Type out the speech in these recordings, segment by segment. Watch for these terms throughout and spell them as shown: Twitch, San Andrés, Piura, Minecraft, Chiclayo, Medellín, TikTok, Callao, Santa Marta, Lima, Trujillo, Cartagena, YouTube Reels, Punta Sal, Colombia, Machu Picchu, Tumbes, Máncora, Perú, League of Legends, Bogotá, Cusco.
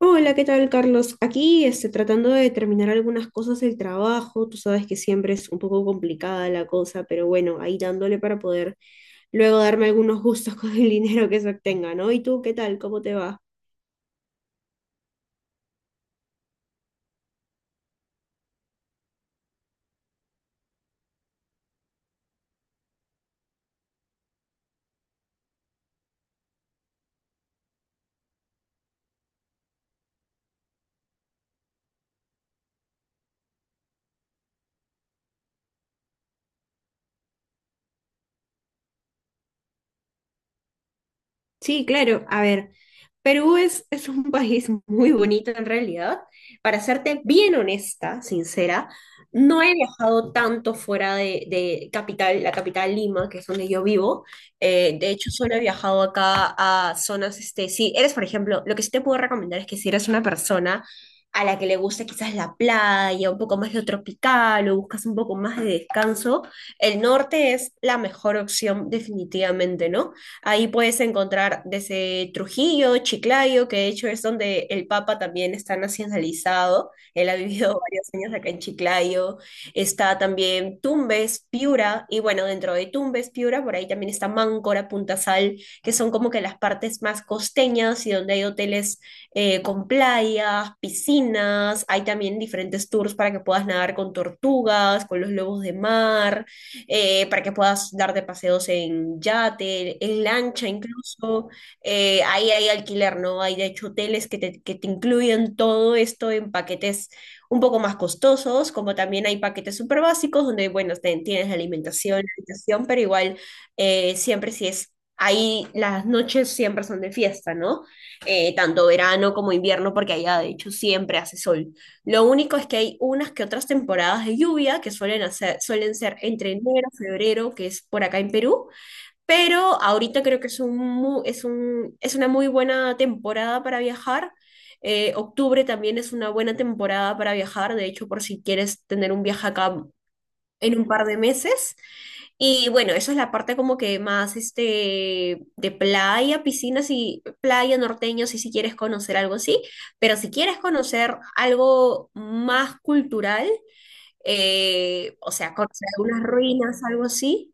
Hola, ¿qué tal, Carlos? Aquí tratando de terminar algunas cosas del trabajo. Tú sabes que siempre es un poco complicada la cosa, pero bueno, ahí dándole para poder luego darme algunos gustos con el dinero que se obtenga, ¿no? ¿Y tú qué tal? ¿Cómo te va? Sí, claro. A ver, Perú es un país muy bonito en realidad. Para serte bien honesta, sincera, no he viajado tanto fuera de capital, la capital Lima, que es donde yo vivo. De hecho, solo he viajado acá a zonas, si eres, por ejemplo, lo que sí te puedo recomendar es que si eres una persona a la que le gusta quizás la playa, un poco más lo tropical o buscas un poco más de descanso, el norte es la mejor opción definitivamente, ¿no? Ahí puedes encontrar desde Trujillo, Chiclayo, que de hecho es donde el Papa también está nacionalizado. Él ha vivido varios años acá en Chiclayo. Está también Tumbes, Piura, y bueno, dentro de Tumbes, Piura, por ahí también está Máncora, Punta Sal, que son como que las partes más costeñas y donde hay hoteles con playas, piscinas. Hay también diferentes tours para que puedas nadar con tortugas, con los lobos de mar, para que puedas darte paseos en yate, en lancha incluso. Ahí hay alquiler, ¿no? Hay de hecho hoteles que te incluyen todo esto en paquetes un poco más costosos, como también hay paquetes súper básicos donde, bueno, tienes la alimentación, la habitación, pero igual, siempre si es... Ahí las noches siempre son de fiesta, ¿no? Tanto verano como invierno, porque allá de hecho siempre hace sol. Lo único es que hay unas que otras temporadas de lluvia que suelen ser entre enero, febrero, que es por acá en Perú, pero ahorita creo que es un, mu- es un, es una muy buena temporada para viajar. Octubre también es una buena temporada para viajar, de hecho, por si quieres tener un viaje acá en un par de meses. Y bueno, esa es la parte como que más de playa, piscinas y playa norteño, si quieres conocer algo así, pero si quieres conocer algo más cultural, o sea, conocer algunas ruinas, algo así,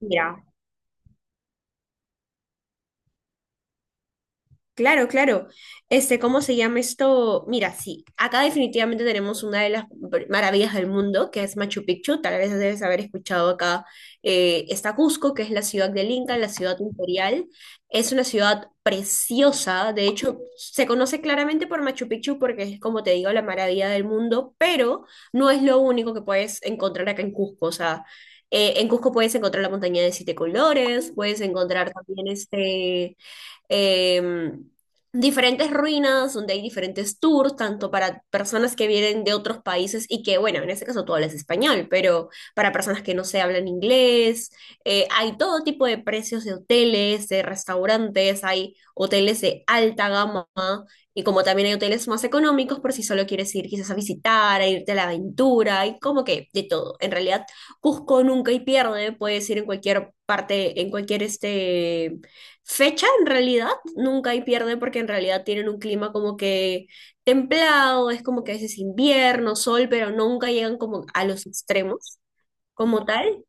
mira, claro, claro. ¿Cómo se llama esto? Mira, sí, acá definitivamente tenemos una de las maravillas del mundo, que es Machu Picchu. Tal vez debes haber escuchado acá. Está Cusco, que es la ciudad del Inca, la ciudad imperial. Es una ciudad preciosa. De hecho, se conoce claramente por Machu Picchu porque es, como te digo, la maravilla del mundo, pero no es lo único que puedes encontrar acá en Cusco. O sea, en Cusco puedes encontrar la montaña de siete colores, puedes encontrar también eh, diferentes ruinas donde hay diferentes tours, tanto para personas que vienen de otros países y que, bueno, en este caso tú hablas español, pero para personas que no se hablan inglés, hay todo tipo de precios de hoteles, de restaurantes, hay hoteles de alta gama y como también hay hoteles más económicos por si solo quieres ir quizás a visitar, a irte a la aventura, y como que de todo. En realidad, Cusco nunca y pierde, puedes ir en cualquier parte, en cualquier fecha en realidad, nunca hay pierde porque en realidad tienen un clima como que templado, es como que a veces invierno, sol, pero nunca llegan como a los extremos como tal.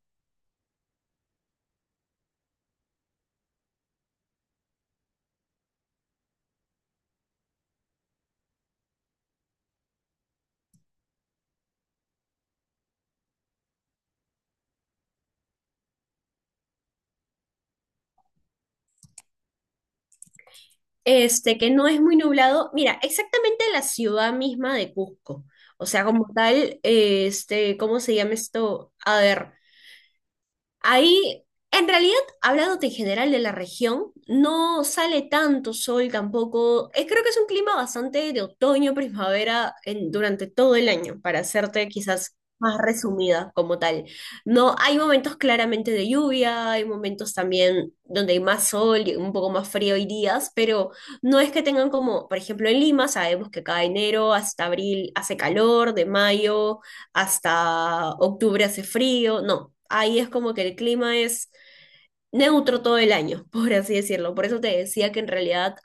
Que no es muy nublado. Mira, exactamente la ciudad misma de Cusco. O sea, como tal, ¿cómo se llama esto? A ver. Ahí, en realidad, hablándote en general de la región, no sale tanto sol tampoco. Creo que es un clima bastante de otoño, primavera, durante todo el año, para hacerte quizás más resumida como tal. No, hay momentos claramente de lluvia, hay momentos también donde hay más sol y un poco más frío y días, pero no es que tengan como, por ejemplo, en Lima, sabemos que cada enero hasta abril hace calor, de mayo hasta octubre hace frío, no, ahí es como que el clima es neutro todo el año, por así decirlo. Por eso te decía que en realidad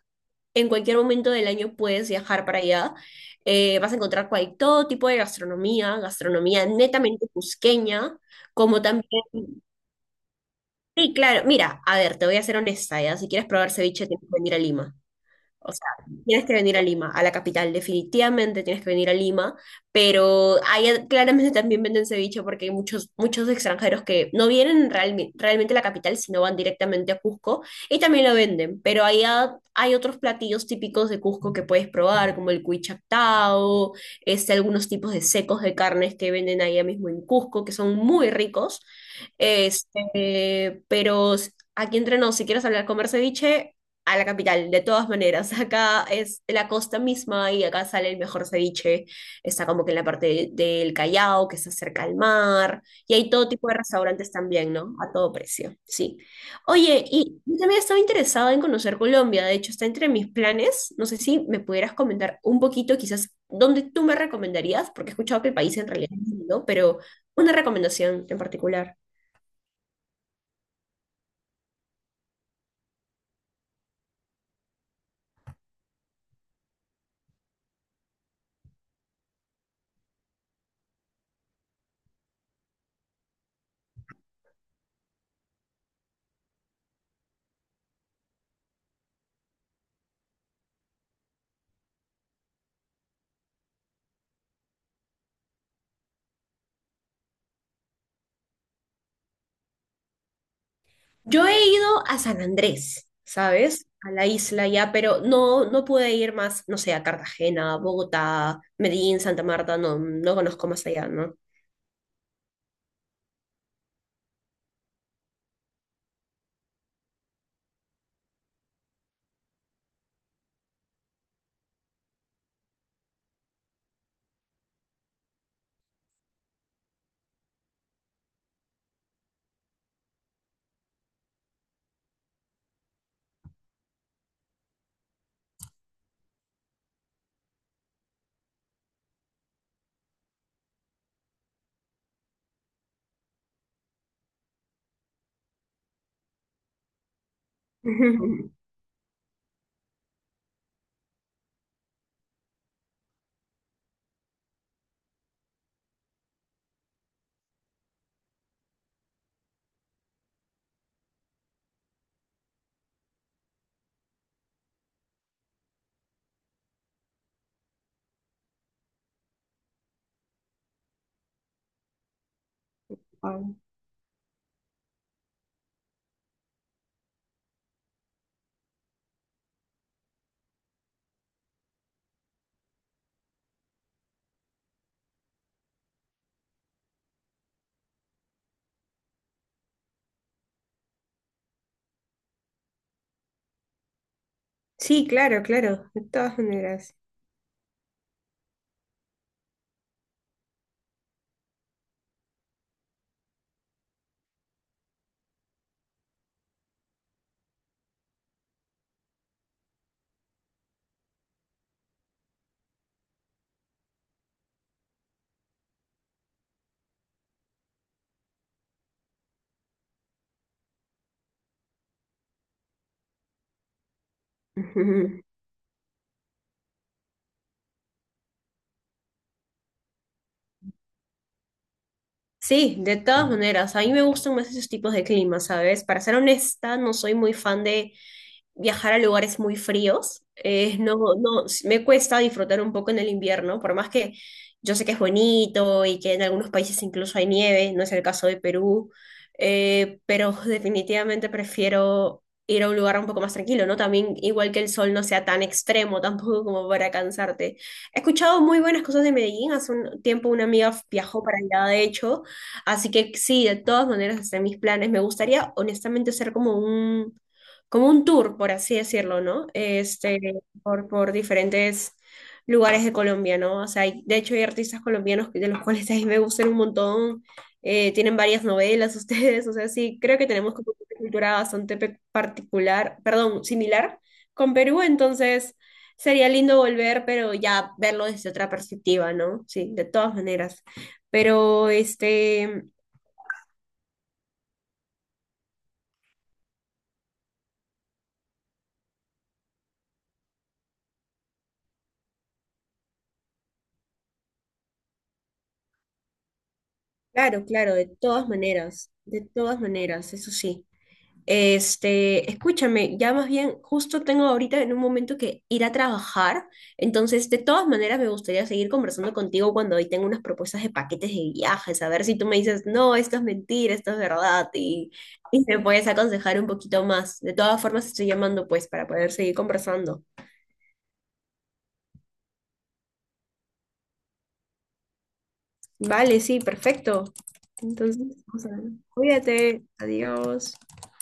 en cualquier momento del año puedes viajar para allá. Vas a encontrar todo tipo de gastronomía, gastronomía netamente cusqueña, como también... Sí, claro, mira, a ver, te voy a ser honesta, ya, si quieres probar ceviche tienes que venir a Lima. O sea, tienes que venir a Lima, a la capital, definitivamente tienes que venir a Lima, pero ahí claramente también venden ceviche porque hay muchos, muchos extranjeros que no vienen realmente a la capital, sino van directamente a Cusco y también lo venden, pero ahí hay otros platillos típicos de Cusco que puedes probar, como el cuy chactao, algunos tipos de secos de carnes que venden ahí mismo en Cusco, que son muy ricos. Pero aquí entre nos, si quieres hablar comer ceviche, a la capital, de todas maneras. Acá es la costa misma y acá sale el mejor ceviche. Está como que en la parte del Callao, que está cerca al mar. Y hay todo tipo de restaurantes también, ¿no? A todo precio, sí. Oye, y yo también estaba interesada en conocer Colombia. De hecho, está entre mis planes. No sé si me pudieras comentar un poquito, quizás, dónde tú me recomendarías, porque he escuchado que el país en realidad es lindo, pero una recomendación en particular. Yo he ido a San Andrés, ¿sabes? A la isla ya, pero no, no pude ir más, no sé, a Cartagena, Bogotá, Medellín, Santa Marta, no, no conozco más allá, ¿no? Wow. Sí, claro, claro, de todas maneras. Sí, de todas maneras, a mí me gustan más esos tipos de climas, ¿sabes? Para ser honesta, no soy muy fan de viajar a lugares muy fríos. No, no, me cuesta disfrutar un poco en el invierno, por más que yo sé que es bonito y que en algunos países incluso hay nieve, no es el caso de Perú, pero definitivamente prefiero ir a un lugar un poco más tranquilo, ¿no? También igual que el sol no sea tan extremo tampoco como para cansarte. He escuchado muy buenas cosas de Medellín, hace un tiempo una amiga viajó para allá, de hecho. Así que sí, de todas maneras, hasta mis planes. Me gustaría, honestamente, hacer como un tour, por así decirlo, ¿no? Por diferentes lugares de Colombia, ¿no? O sea, de hecho hay artistas colombianos de los cuales a mí me gustan un montón. Tienen varias novelas ustedes, o sea, sí, creo que tenemos como una cultura bastante similar con Perú, entonces sería lindo volver, pero ya verlo desde otra perspectiva, ¿no? Sí, de todas maneras. Pero este, Claro, claro, de todas maneras, eso sí. Escúchame, ya más bien, justo tengo ahorita en un momento que ir a trabajar, entonces de todas maneras me gustaría seguir conversando contigo cuando hoy tengo unas propuestas de paquetes de viajes, a ver si tú me dices, no, esto es mentira, esto es verdad, y me puedes aconsejar un poquito más. De todas formas, estoy llamando pues para poder seguir conversando. Vale, sí, perfecto. Entonces, vamos a ver. Cuídate, adiós.